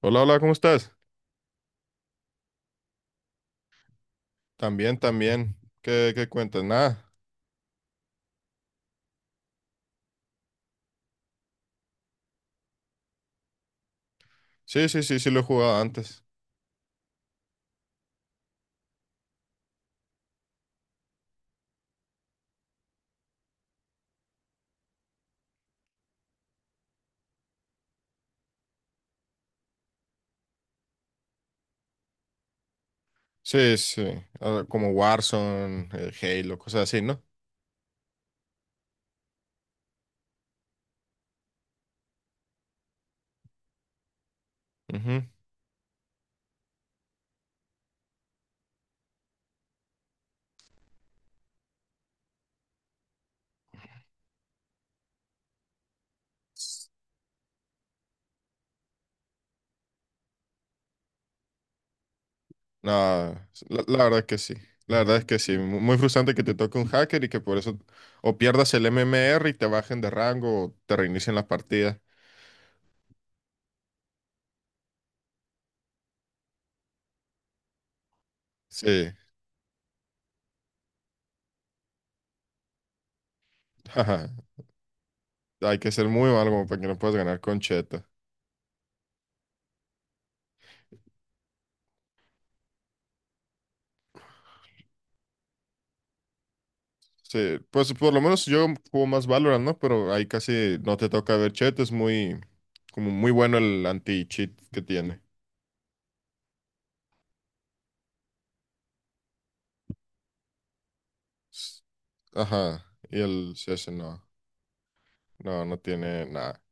Hola, hola, ¿cómo estás? También, también. ¿Qué cuentas? Nada. Sí, sí, sí, sí lo he jugado antes. Sí, sí. Ah, como Warzone, Halo, cosas así, ¿no? Ujú. Nada, la verdad que sí. La verdad es que sí. Muy frustrante que te toque un hacker y que por eso o pierdas el MMR y te bajen de rango o te reinicien la partida. Sí. Hay que ser muy malo como para que no puedas ganar con cheto. Sí, pues por lo menos yo juego más Valorant, ¿no? Pero ahí casi no te toca ver chat, es como muy bueno el anti-cheat que tiene. S- Ajá, y el CS no, no, no tiene nada,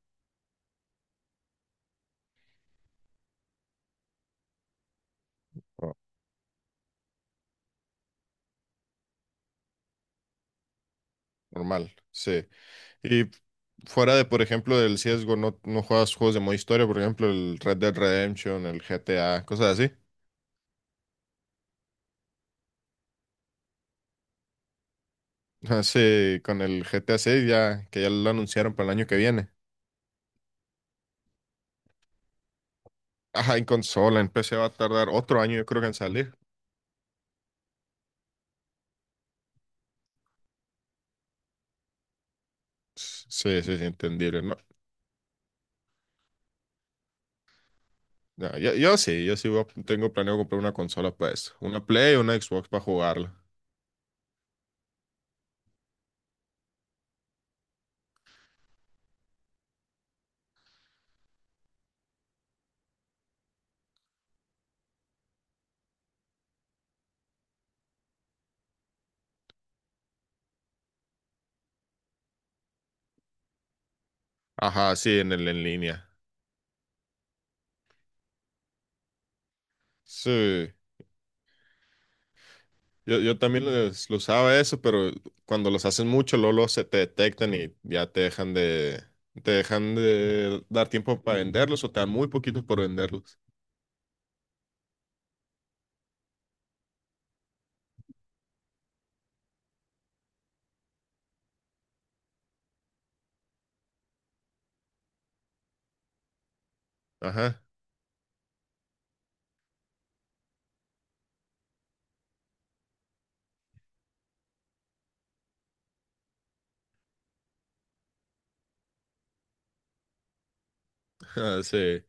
no, normal, sí. Y fuera de, por ejemplo, el CSGO, ¿no, no juegas juegos de modo historia? Por ejemplo, el Red Dead Redemption, el GTA, cosas así. Ah, sí, con el GTA 6 ya, que ya lo anunciaron para el año que viene. Ajá, en consola, en PC va a tardar otro año, yo creo que en salir. Sí, sí, sí, entendible, ¿no? Ya, yo sí, yo sí, tengo planeado comprar una consola para eso. Una Play o una Xbox para jugarla. Ajá, sí, en el en línea. Sí, yo también lo usaba eso, pero cuando los hacen mucho, luego, luego se te detectan y ya te dejan de dar tiempo para venderlos o te dan muy poquitos por venderlos. Ajá, sí.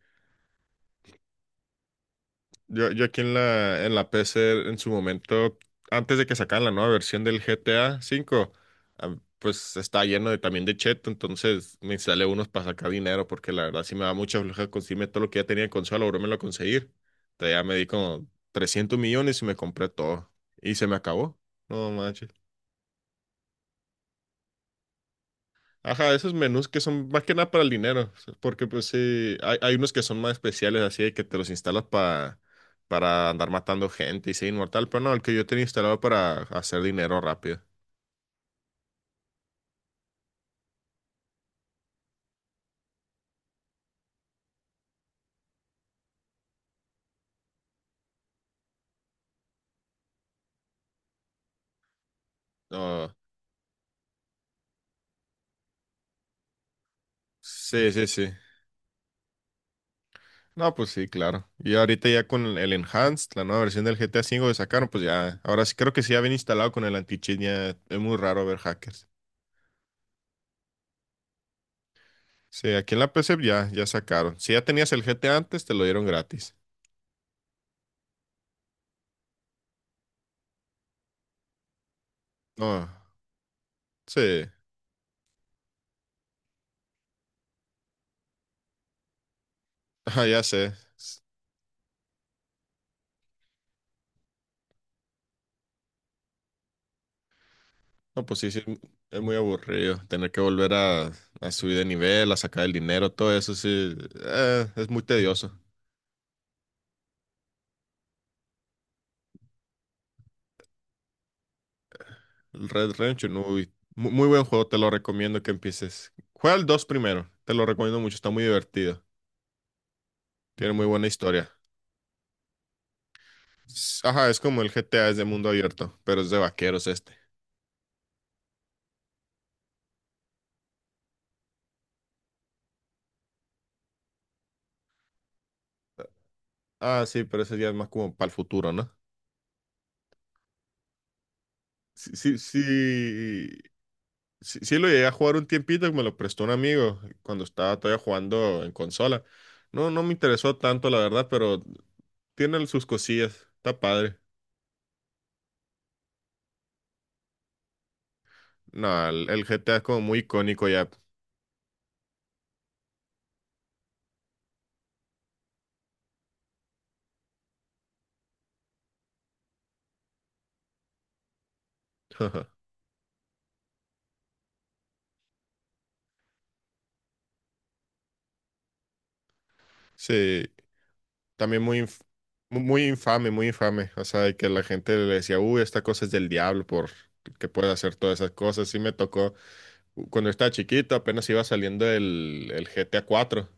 Yo aquí en la PC en su momento, antes de que sacaran la nueva versión del GTA V, ah, pues estaba lleno de, también de cheto, entonces me instalé unos para sacar dinero, porque la verdad sí me daba mucha floja conseguirme todo lo que ya tenía en consola, ahora me lo conseguir. Entonces ya me di como 300 millones y me compré todo. Y se me acabó. No. Ajá, esos menús que son más que nada para el dinero, o sea, porque pues sí, hay unos que son más especiales, así de que te los instalas para andar matando gente y ser inmortal, pero no, el que yo tenía instalado para hacer dinero rápido. No, sí, sí, sí. No, pues sí, claro. Y ahorita ya con el Enhanced, la nueva versión del GTA V que sacaron, pues ya, ahora sí creo que sí ya viene instalado con el anti-cheat, ya es muy raro ver hackers. Sí, aquí en la PC ya, ya sacaron. Si ya tenías el GTA antes, te lo dieron gratis. No, sí, ah, ya sé. No, pues sí, sí, es muy aburrido. Tener que volver a subir de nivel, a sacar el dinero, todo eso sí, es muy tedioso. El Red Shinobi, muy buen juego, te lo recomiendo que empieces. Juega el 2 primero, te lo recomiendo mucho, está muy divertido. Tiene muy buena historia. Ajá, es como el GTA, es de mundo abierto, pero es de vaqueros este. Ah, sí, pero ese ya es más como para el futuro, ¿no? Sí, sí, sí. Sí, sí lo llegué a jugar un tiempito, que me lo prestó un amigo cuando estaba todavía jugando en consola. No, no me interesó tanto, la verdad, pero tiene sus cosillas, está padre. No, el GTA es como muy icónico ya. Sí, también muy infame, muy infame. O sea, de que la gente le decía, uy, esta cosa es del diablo por que puede hacer todas esas cosas. Sí me tocó. Cuando estaba chiquito, apenas iba saliendo el GTA 4.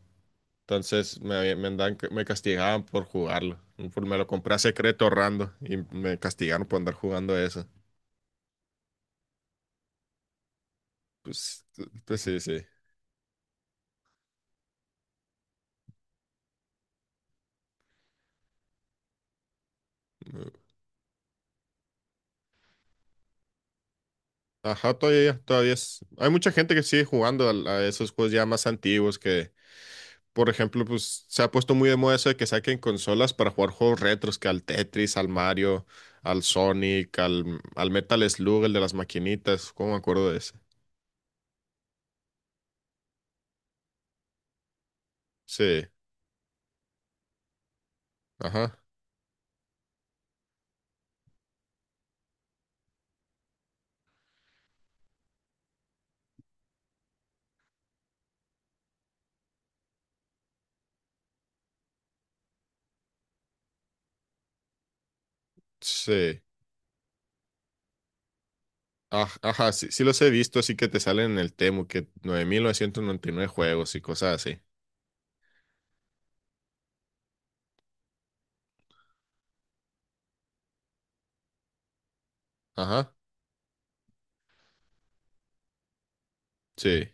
Entonces me, andaban me castigaban por jugarlo. Me lo compré a secreto ahorrando y me castigaron por andar jugando eso. Pues, pues sí, sí. Ajá, todavía, todavía es. Hay mucha gente que sigue jugando a, esos juegos ya más antiguos que, por ejemplo, pues se ha puesto muy de moda eso de que saquen consolas para jugar juegos retros, que al Tetris, al Mario, al Sonic, al Metal Slug, el de las maquinitas. ¿Cómo me acuerdo de ese? Sí, ajá, sí. Ajá, sí, sí los he visto, así que te salen en el Temu, que 9999 juegos y cosas así. Ajá, sí,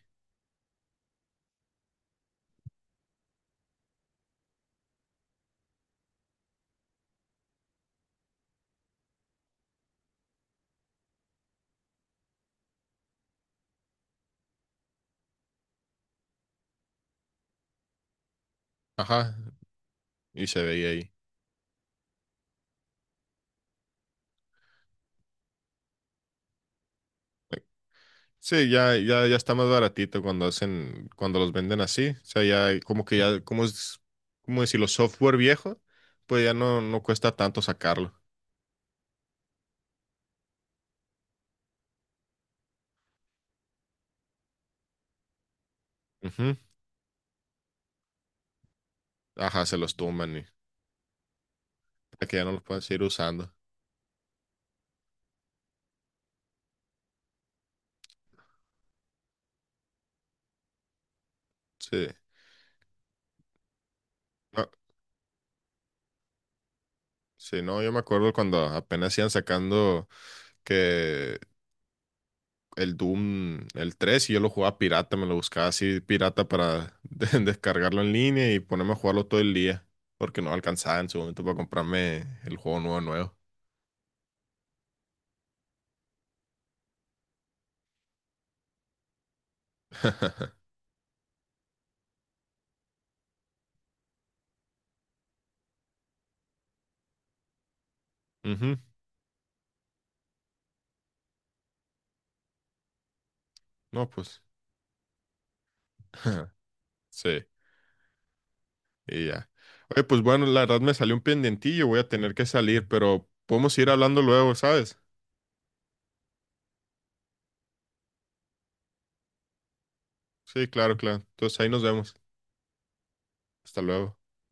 ajá, y se veía ahí. Sí, ya, ya, ya está más baratito cuando hacen, cuando los venden así. O sea, ya como que ya, como es, como decirlo, software viejo, pues ya no, no cuesta tanto sacarlo. Ujú, ajá, se los tumban y para que ya no los puedan seguir usando. Sí. No, sí, no, yo me acuerdo cuando apenas iban sacando que el Doom, el 3 y yo lo jugaba pirata, me lo buscaba así pirata para descargarlo en línea y ponerme a jugarlo todo el día, porque no alcanzaba en su momento para comprarme el juego nuevo nuevo. Ujú, no, pues sí, y ya. Oye, pues bueno, la verdad me salió un pendientillo, voy a tener que salir, pero podemos ir hablando luego, ¿sabes? Sí, claro, claro. Entonces ahí nos vemos. Hasta luego.